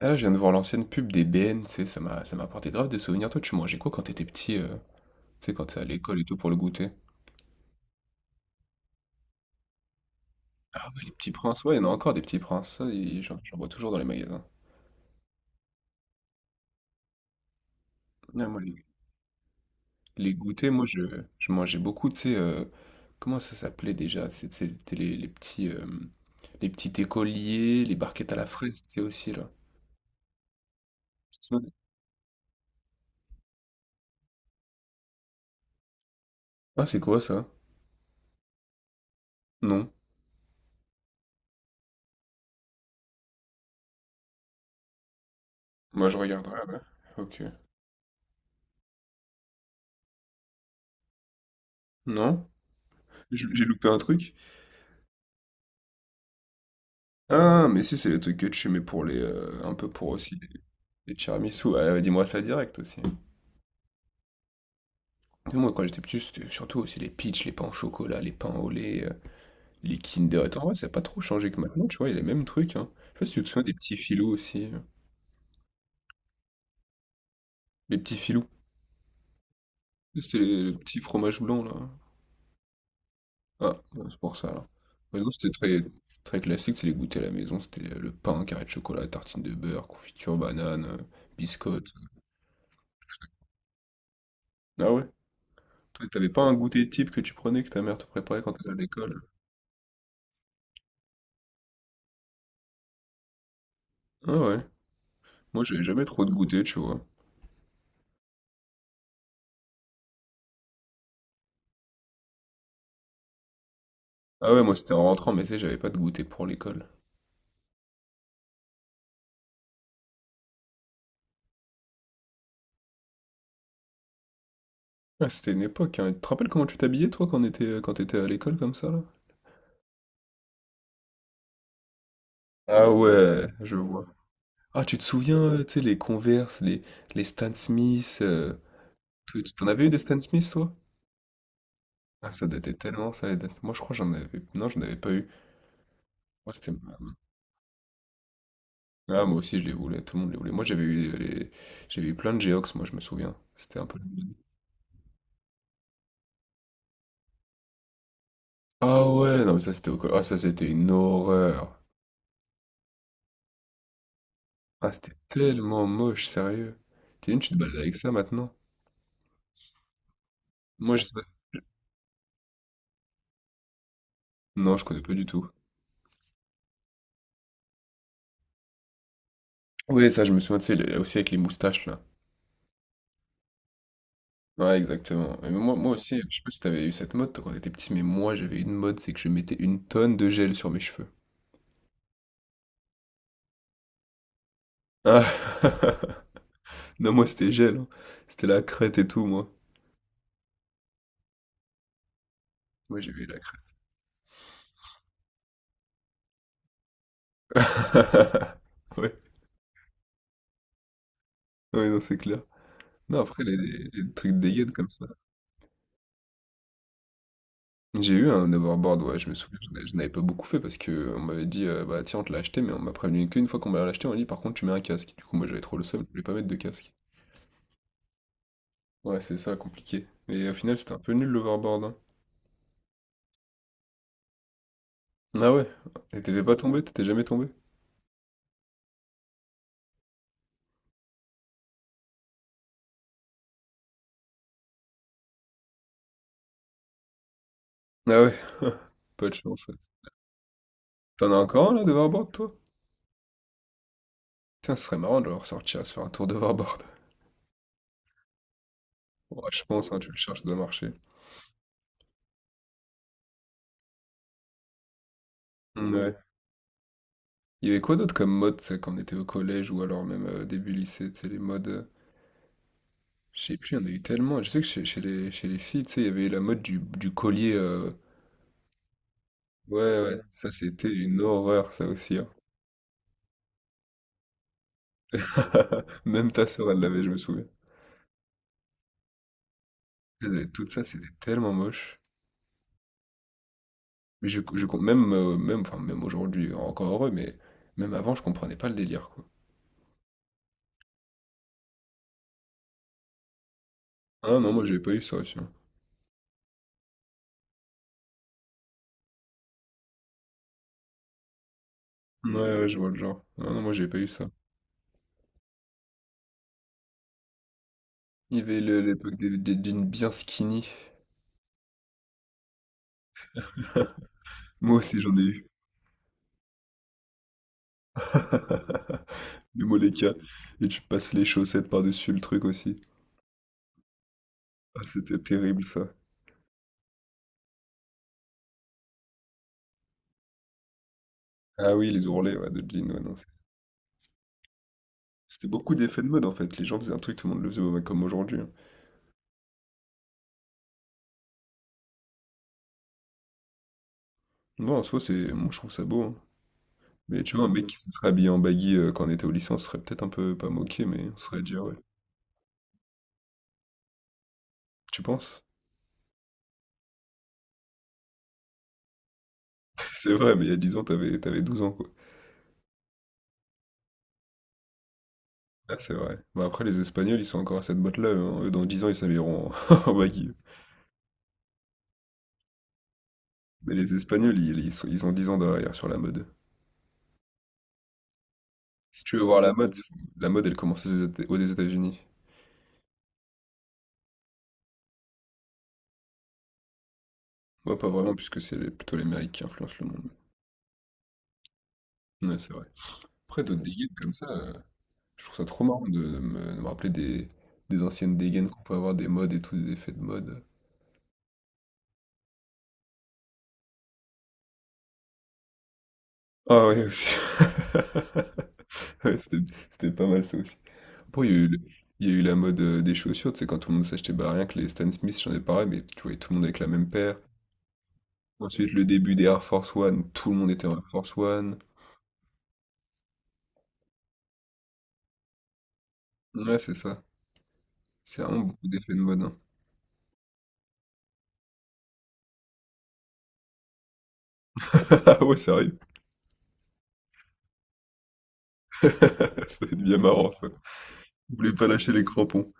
Ah là, je viens de voir l'ancienne pub des BN, tu sais, ça m'a apporté grave des souvenirs. Toi, tu mangeais quoi quand t'étais petit, tu sais, quand t'es à l'école et tout pour le goûter? Ah ouais, les petits princes, ouais, il y en a encore des petits princes, ça, et j'en vois toujours dans les magasins. Ouais, moi, les goûters, je mangeais beaucoup, tu sais, comment ça s'appelait déjà? C'était les petits écoliers, les barquettes à la fraise, tu sais, aussi, là. Tu te souviens. Ah, c'est quoi, ça? Non. Moi, je regarderai, ouais. Ok. Non? J'ai loupé un truc? Ah, mais si, c'est les trucs que tu mets pour les, un peu pour aussi les tiramisu. Ouais, ouais, dis-moi ça direct aussi. Tu sais, moi, quand j'étais petit, c'était surtout aussi les peach, les pains au chocolat, les pains au lait, les Kinder. Et tout, en vrai, ça n'a pas trop changé que maintenant, tu vois, il y a les mêmes trucs, hein. Je sais pas si tu te souviens des petits filous aussi, Les petits filous. C'était les petits fromages blancs, là. Ah, ouais, c'est pour ça, là. Par exemple, c'était très, très classique, c'est les goûters à la maison. C'était le pain, carré de chocolat, tartine de beurre, confiture, banane, biscotte. Ah ouais? Toi, t'avais pas un goûter type que tu prenais, que ta mère te préparait quand t'allais à l'école? Ah ouais. Moi, j'avais jamais trop de goûter, tu vois. Ah ouais, moi, c'était en rentrant, mais tu sais, j'avais pas de goûter pour l'école. Ah, c'était une époque, hein. Tu te rappelles comment tu t'habillais, toi, quand t'étais à l'école, comme ça, là? Ah ouais, je vois. Ah, tu te souviens, tu sais, les Stan Smith, t'en avais eu des Stan Smith, toi? Ah, ça datait tellement, ça, les dates. Moi, je crois que j'en avais... Non, j'en avais pas eu. Moi, c'était... ma- Ah, moi aussi, je les voulais, tout le monde les voulait. Moi, j'avais eu les... J'avais eu plein de Geox, moi, je me souviens. C'était un peu... Ah ouais, non mais ça c'était au col- Ah ça c'était une horreur. Ah c'était tellement moche, sérieux. T'imagines, tu te balades avec ça maintenant? Moi je sais pas. Non, je connais pas du tout. Oui, ça je me souviens, tu sais, aussi avec les moustaches là. Ouais, exactement. Mais moi, moi aussi, je sais pas si t'avais eu cette mode toi, quand t'étais petit, mais moi j'avais une mode, c'est que je mettais une tonne de gel sur mes cheveux. Ah. Non, moi c'était gel, hein. C'était la crête et tout, moi. Moi j'avais la crête. Ouais, ouais, non, c'est clair. Non, après, les trucs dégaines comme ça. J'ai eu un hoverboard, ouais, je me souviens, j'en avais pas beaucoup fait parce que on m'avait dit, bah tiens, on te l'a acheté, mais on m'a prévenu qu'une fois qu'on m'a l'acheté, on m'a dit, par contre, tu mets un casque. Du coup, moi, j'avais trop le seum, je voulais pas mettre de casque. Ouais, c'est ça, compliqué. Et au final, c'était un peu nul l'overboard, hein. Ah ouais? Et t'étais pas tombé? T'étais jamais tombé? Ah ouais? Pas de chance, ouais. T'en as encore un, là, d'overboard, toi? Tiens, ce serait marrant de le ressortir, à se faire un tour d'overboard. Ouais, je pense, hein, tu le cherches, ça doit marcher. Mm, ouais. Il y avait quoi d'autre comme mode, tu sais, quand on était au collège ou alors même début lycée, tu sais, les modes. Je sais plus, il y en a eu tellement. Je sais que chez les filles, tu sais, il y avait la mode du collier, ouais, ouais, ça c'était une horreur, ça aussi, hein. Même ta sœur, elle l'avait, je me souviens. Elles avaient tout ça, c'était tellement moche. Mais même, enfin, même aujourd'hui, encore heureux, mais même avant, je comprenais pas le délire, quoi. Ah non, moi j'ai pas eu ça aussi, hein. Ouais, ouais, je vois le genre. Ah non, moi j'ai pas eu ça. Il y avait l'époque des jeans bien skinny. Moi aussi j'en ai eu. Le Moleca. Et tu passes les chaussettes par-dessus le truc aussi. Ah, c'était terrible ça. Ah oui, les ourlets ouais, de jean, ouais, non, c'est- C'était beaucoup d'effets de mode en fait. Les gens faisaient un truc, tout le monde le faisait ouais, comme aujourd'hui, hein. Non, en soi, c'est... moi, je trouve ça beau, hein. Mais tu vois, un mec qui se serait habillé en baggy quand on était au lycée, on se serait peut-être un peu pas moqué, mais on se serait dit, ah ouais, tu penses? C'est vrai, mais il y a 10 ans, t'avais 12 ans quoi. Ah, c'est vrai. Bah, après, les Espagnols, ils sont encore à cette botte-là, hein. Eux, dans 10 ans, ils s'habilleront en en baggy. Mais les Espagnols, ils ont 10 ans derrière sur la mode. Si tu veux voir la mode, faut- la mode, elle commence aux États-Unis. Ouais, pas vraiment, puisque c'est plutôt les Amériques qui influencent le monde. Ouais, c'est vrai. Après, d'autres dégaines comme ça, je trouve ça trop marrant de me rappeler des anciennes dégaines qu'on peut avoir, des modes et tout, des effets de mode. Ah ouais, aussi. Ouais, c'était pas mal ça aussi. Après, il y a eu la mode des chaussures, tu sais, quand tout le monde s'achetait bah, rien que les Stan Smith, j'en ai parlé, mais tu voyais tout le monde avec la même paire. Ensuite, le début des Air Force One, tout le monde était en Air Force One. Ouais, c'est ça. C'est vraiment beaucoup d'effets de mode, hein. Ah ouais, sérieux? Ça va être bien marrant, ça. Vous voulez pas lâcher les crampons.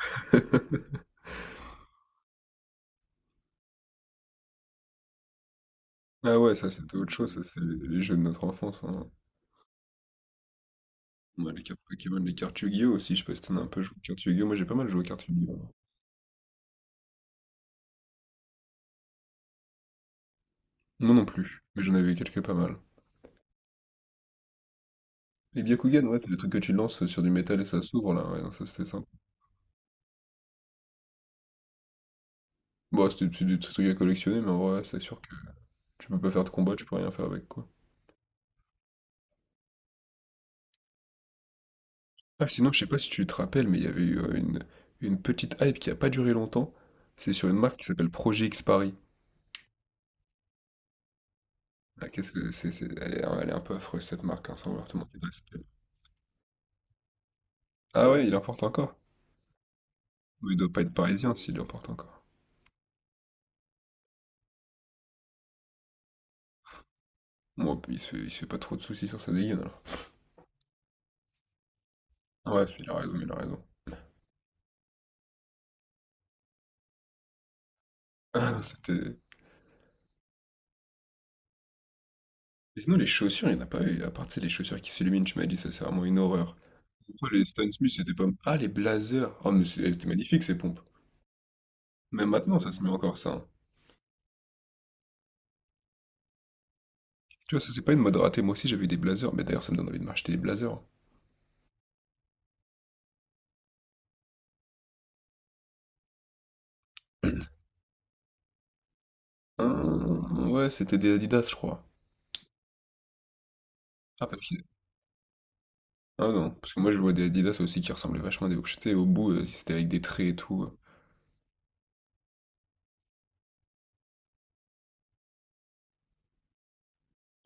Ah ouais, ça c'était autre chose, ça c'est les jeux de notre enfance, hein. Ouais, les cartes Pokémon, les cartes Yu-Gi-Oh! Aussi, je sais pas si t'en as un peu joué aux cartes Yu-Gi-Oh! Moi j'ai pas mal joué aux cartes Yu-Gi-Oh! Moi non plus, mais j'en avais quelques pas mal. Et Byakugan, ouais, c'est le truc que tu lances sur du métal et ça s'ouvre là, ouais, non, ça c'était simple. Bon, c'est des petits trucs à collectionner, mais en vrai, c'est sûr que tu peux pas faire de combat, tu peux rien faire avec quoi. Ah, sinon, je sais pas si tu te rappelles, mais il y avait eu une petite hype qui a pas duré longtemps. C'est sur une marque qui s'appelle Projet X Paris. Ah, qu'est-ce que c'est, elle est un peu affreuse cette marque, hein, sans vouloir te manquer de respect. Ah ouais, il importe encore. Mais il doit pas être parisien s'il importe encore. Moi, il se fait pas trop de soucis sur sa dégaine alors. Ah ouais, il a raison, il a raison. C'était. Et sinon, les chaussures, il n'y en a pas eu. À part, tu sais, les chaussures qui s'illuminent, tu m'as dit, ça, c'est vraiment une horreur. Pourquoi les Stan Smith, c'était pas. Ah, les blazers. Oh, c'était magnifique, ces pompes. Même maintenant, ça se met encore, ça, hein. Tu vois, ça, c'est pas une mode ratée. Moi aussi, j'avais eu des blazers. Mais d'ailleurs, ça me donne envie de m'acheter des blazers. Hein, ouais, c'était des Adidas, je crois. Ah, parce que Ah non, parce que moi je vois des Adidas aussi qui ressemblaient vachement à des Bourchette, et au bout c'était avec des traits et tout.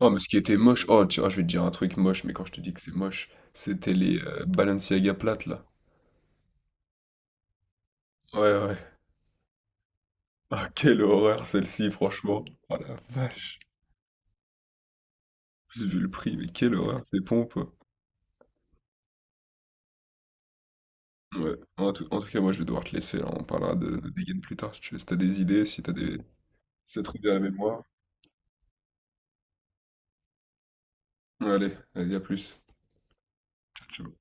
Oh mais ce qui était moche, oh tu vois, je vais te dire un truc moche, mais quand je te dis que c'est moche, c'était les Balenciaga plates là. Ouais ouais. Ah quelle horreur celle-ci franchement. Oh la vache. En plus vu le prix, mais quelle horreur ces pompes. Ouais. En tout cas moi je vais devoir te laisser, là, on parlera de dégaine plus tard si tu veux. Si t'as des idées, si t'as des... Si ça te revient à la mémoire. Allez, allez, à plus. Ciao, ciao.